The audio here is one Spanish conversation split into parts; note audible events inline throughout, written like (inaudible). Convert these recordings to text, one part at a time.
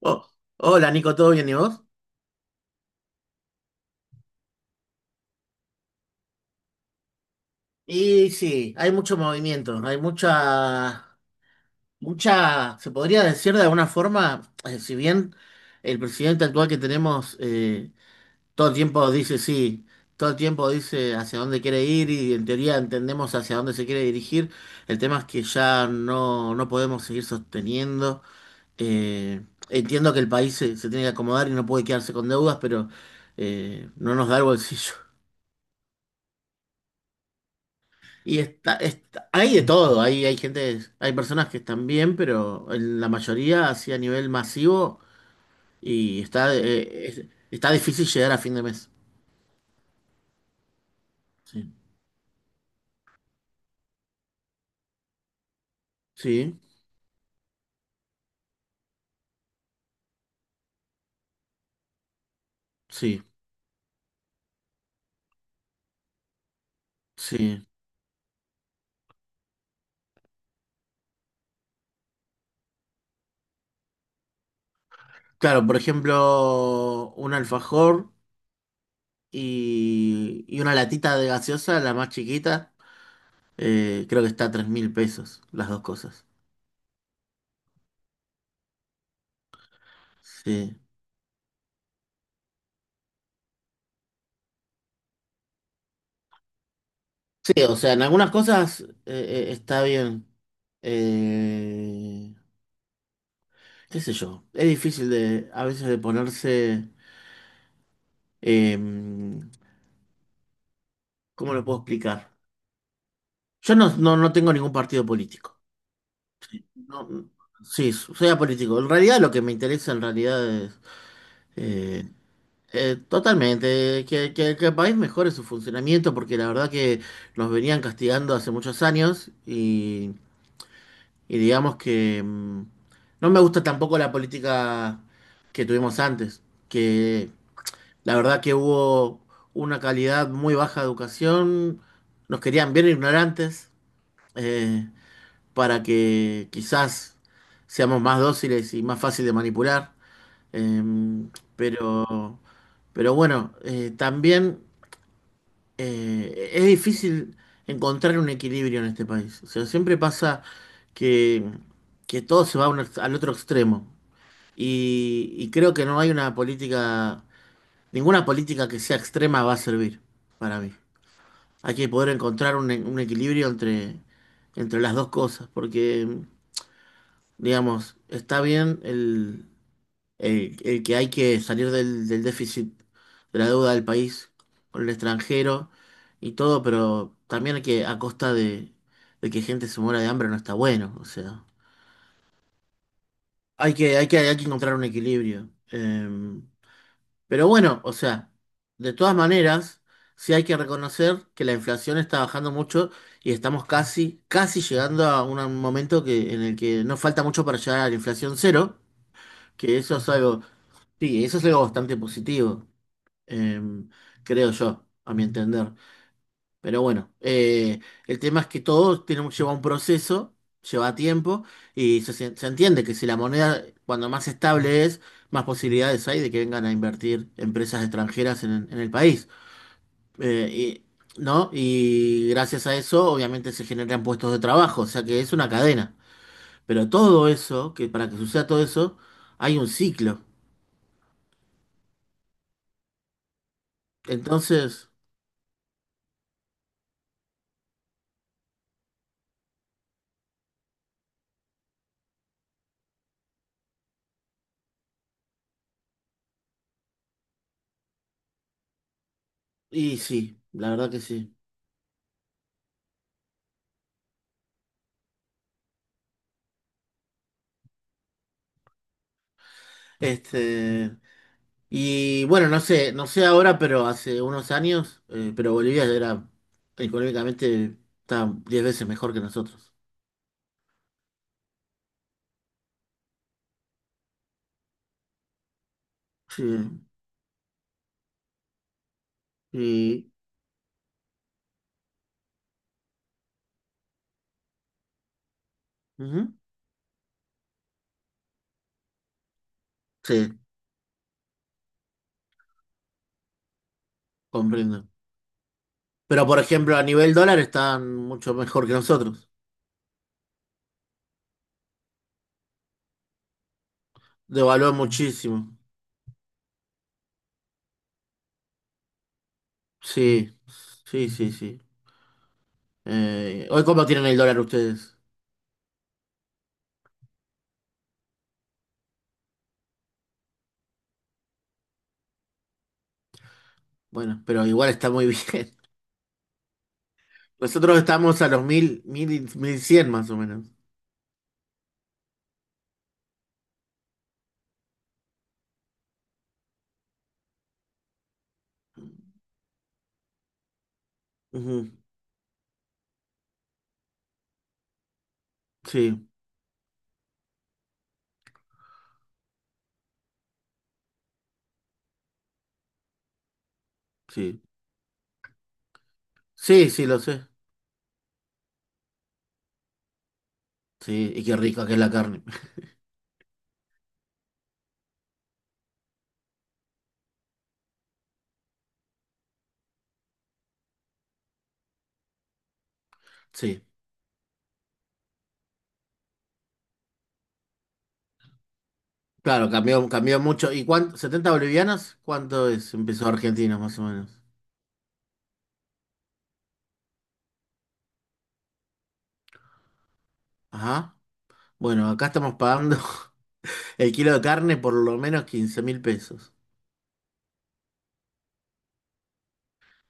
Oh, hola Nico, ¿todo bien y vos? Y sí, hay mucho movimiento, hay mucha, mucha, se podría decir de alguna forma, si bien el presidente actual que tenemos, todo el tiempo dice sí, todo el tiempo dice hacia dónde quiere ir y en teoría entendemos hacia dónde se quiere dirigir. El tema es que ya no podemos seguir sosteniendo. eh, entiendo que el país se tiene que acomodar y no puede quedarse con deudas, pero no nos da el bolsillo. Hay de todo, hay gente, hay personas que están bien, pero en la mayoría, así, a nivel masivo, y está difícil llegar a fin de mes. Sí, sí, sí, sí. Claro, por ejemplo, un alfajor y una latita de gaseosa, la más chiquita, creo que está a 3 mil pesos, las dos cosas. Sí. Sí, o sea, en algunas cosas, está bien. Eh, qué sé yo, es difícil de a veces de ponerse. Em, ¿cómo lo puedo explicar? Yo no tengo ningún partido político. No, sí, soy apolítico. En realidad lo que me interesa en realidad es, eh, totalmente que el país mejore su funcionamiento, porque la verdad que nos venían castigando hace muchos años, y digamos que, no me gusta tampoco la política que tuvimos antes. Que La verdad que hubo una calidad muy baja de educación. Nos querían bien ignorantes, eh, para que quizás seamos más dóciles y más fácil de manipular. Eh, pero, pero bueno, también, es difícil encontrar un equilibrio en este país. O sea, siempre pasa que, que todo se va a al otro extremo, y creo que no hay una política. Ninguna política que sea extrema va a servir para mí. Hay que poder encontrar un equilibrio entre las dos cosas, porque, digamos, está bien el que hay que salir del déficit de la deuda del país con el extranjero y todo, pero también hay que, a costa de que gente se muera de hambre, no está bueno. O sea, hay que encontrar un equilibrio. Pero bueno, o sea, de todas maneras, sí hay que reconocer que la inflación está bajando mucho y estamos casi, casi llegando a un momento, en el que no falta mucho para llegar a la inflación cero, que eso es algo, sí, eso es algo bastante positivo, em, creo yo, a mi entender. Pero bueno, el tema es que todo tiene, lleva un proceso, lleva tiempo, y se entiende que, si la moneda cuando más estable es, más posibilidades hay de que vengan a invertir empresas extranjeras en el país. Eh, y, ¿no? Y gracias a eso, obviamente, se generan puestos de trabajo, o sea que es una cadena. Pero todo eso, que para que suceda todo eso, hay un ciclo. Entonces, y sí, la verdad que sí. Este. Y bueno, no sé, no sé ahora, pero hace unos años, pero Bolivia era económicamente está 10 veces mejor que nosotros. Sí, y, ujú, sí, comprendo. Pero, por ejemplo, a nivel dólar están mucho mejor que nosotros. Devaluó muchísimo. Sí, sí, sí, sí. ¿Hoy cómo tienen el dólar ustedes? Bueno, pero igual está muy bien. (laughs) Nosotros estamos a los mil, mil, 1.100 más o menos. Ujú. Sí, sí. Sí, sí, lo sé. Sí, y qué rica que es la carne. (laughs) Sí, claro, cambió, cambió mucho. ¿Y cuánto? ¿70 bolivianas? ¿Cuánto es? Empezó Argentina, más o menos. Ajá. Bueno, acá estamos pagando (laughs) el kilo de carne por lo menos 15.000 pesos.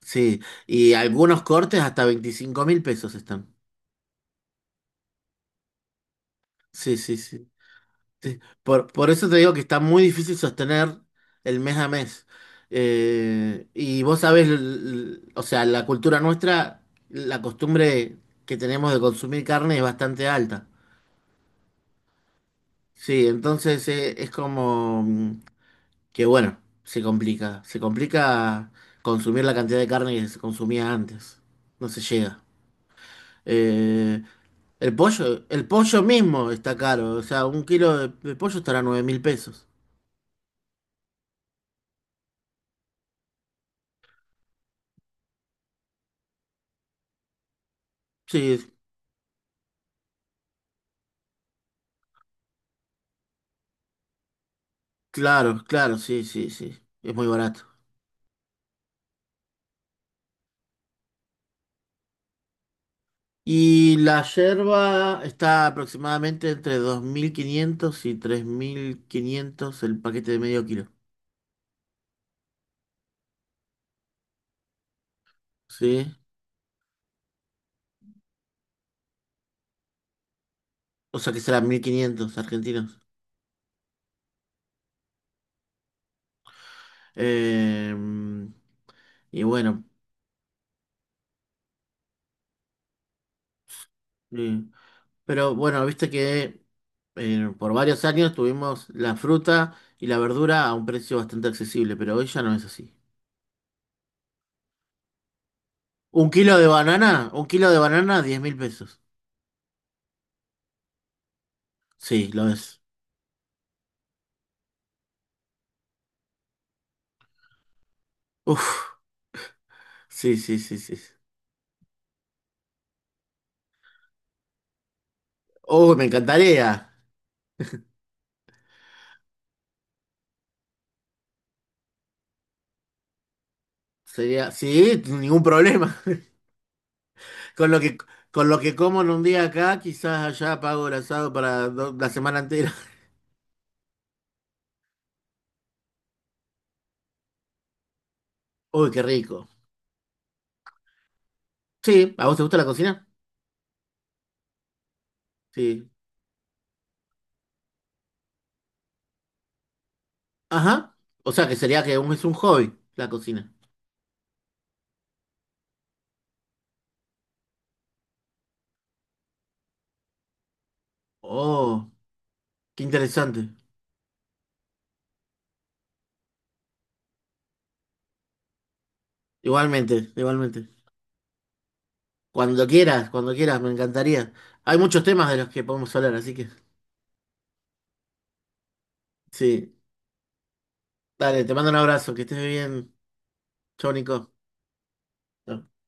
Sí, y algunos cortes hasta 25.000 pesos están. Sí, sí, sí. Sí. Por eso te digo que está muy difícil sostener el mes a mes. Y vos sabés, o sea, la cultura nuestra, la costumbre que tenemos de consumir carne es bastante alta. Sí, entonces, es como, que bueno, se complica. Se complica consumir la cantidad de carne que se consumía antes. No se llega. Eh, el pollo mismo está caro. O sea, un kilo de pollo estará 9.000 pesos. Sí, claro, claro, sí, sí, sí. Es muy barato. Y la yerba está aproximadamente entre 2.500 y 3.500 el paquete de medio kilo. ¿Sí? O sea que serán 1.500 argentinos. Em, y bueno, eh, pero bueno, viste que, por varios años tuvimos la fruta y la verdura a un precio bastante accesible, pero hoy ya no es así. Un kilo de banana, un kilo de banana, 10.000 pesos. Sí, lo es. Uf. Sí, sí, sí, sí. Uy, me encantaría. Sería, sí, ningún problema. (laughs) Con lo que, con lo que como en un día acá, quizás allá pago el asado para la semana entera. (laughs) Uy, qué rico. Sí, ¿a vos te gusta la cocina? Sí. Ajá. O sea, que sería que, es un hobby la cocina. Oh, qué interesante. Igualmente, igualmente. Cuando quieras, me encantaría. Hay muchos temas de los que podemos hablar, así que sí. Dale, te mando un abrazo, que estés bien. Chau, Nico. Chau.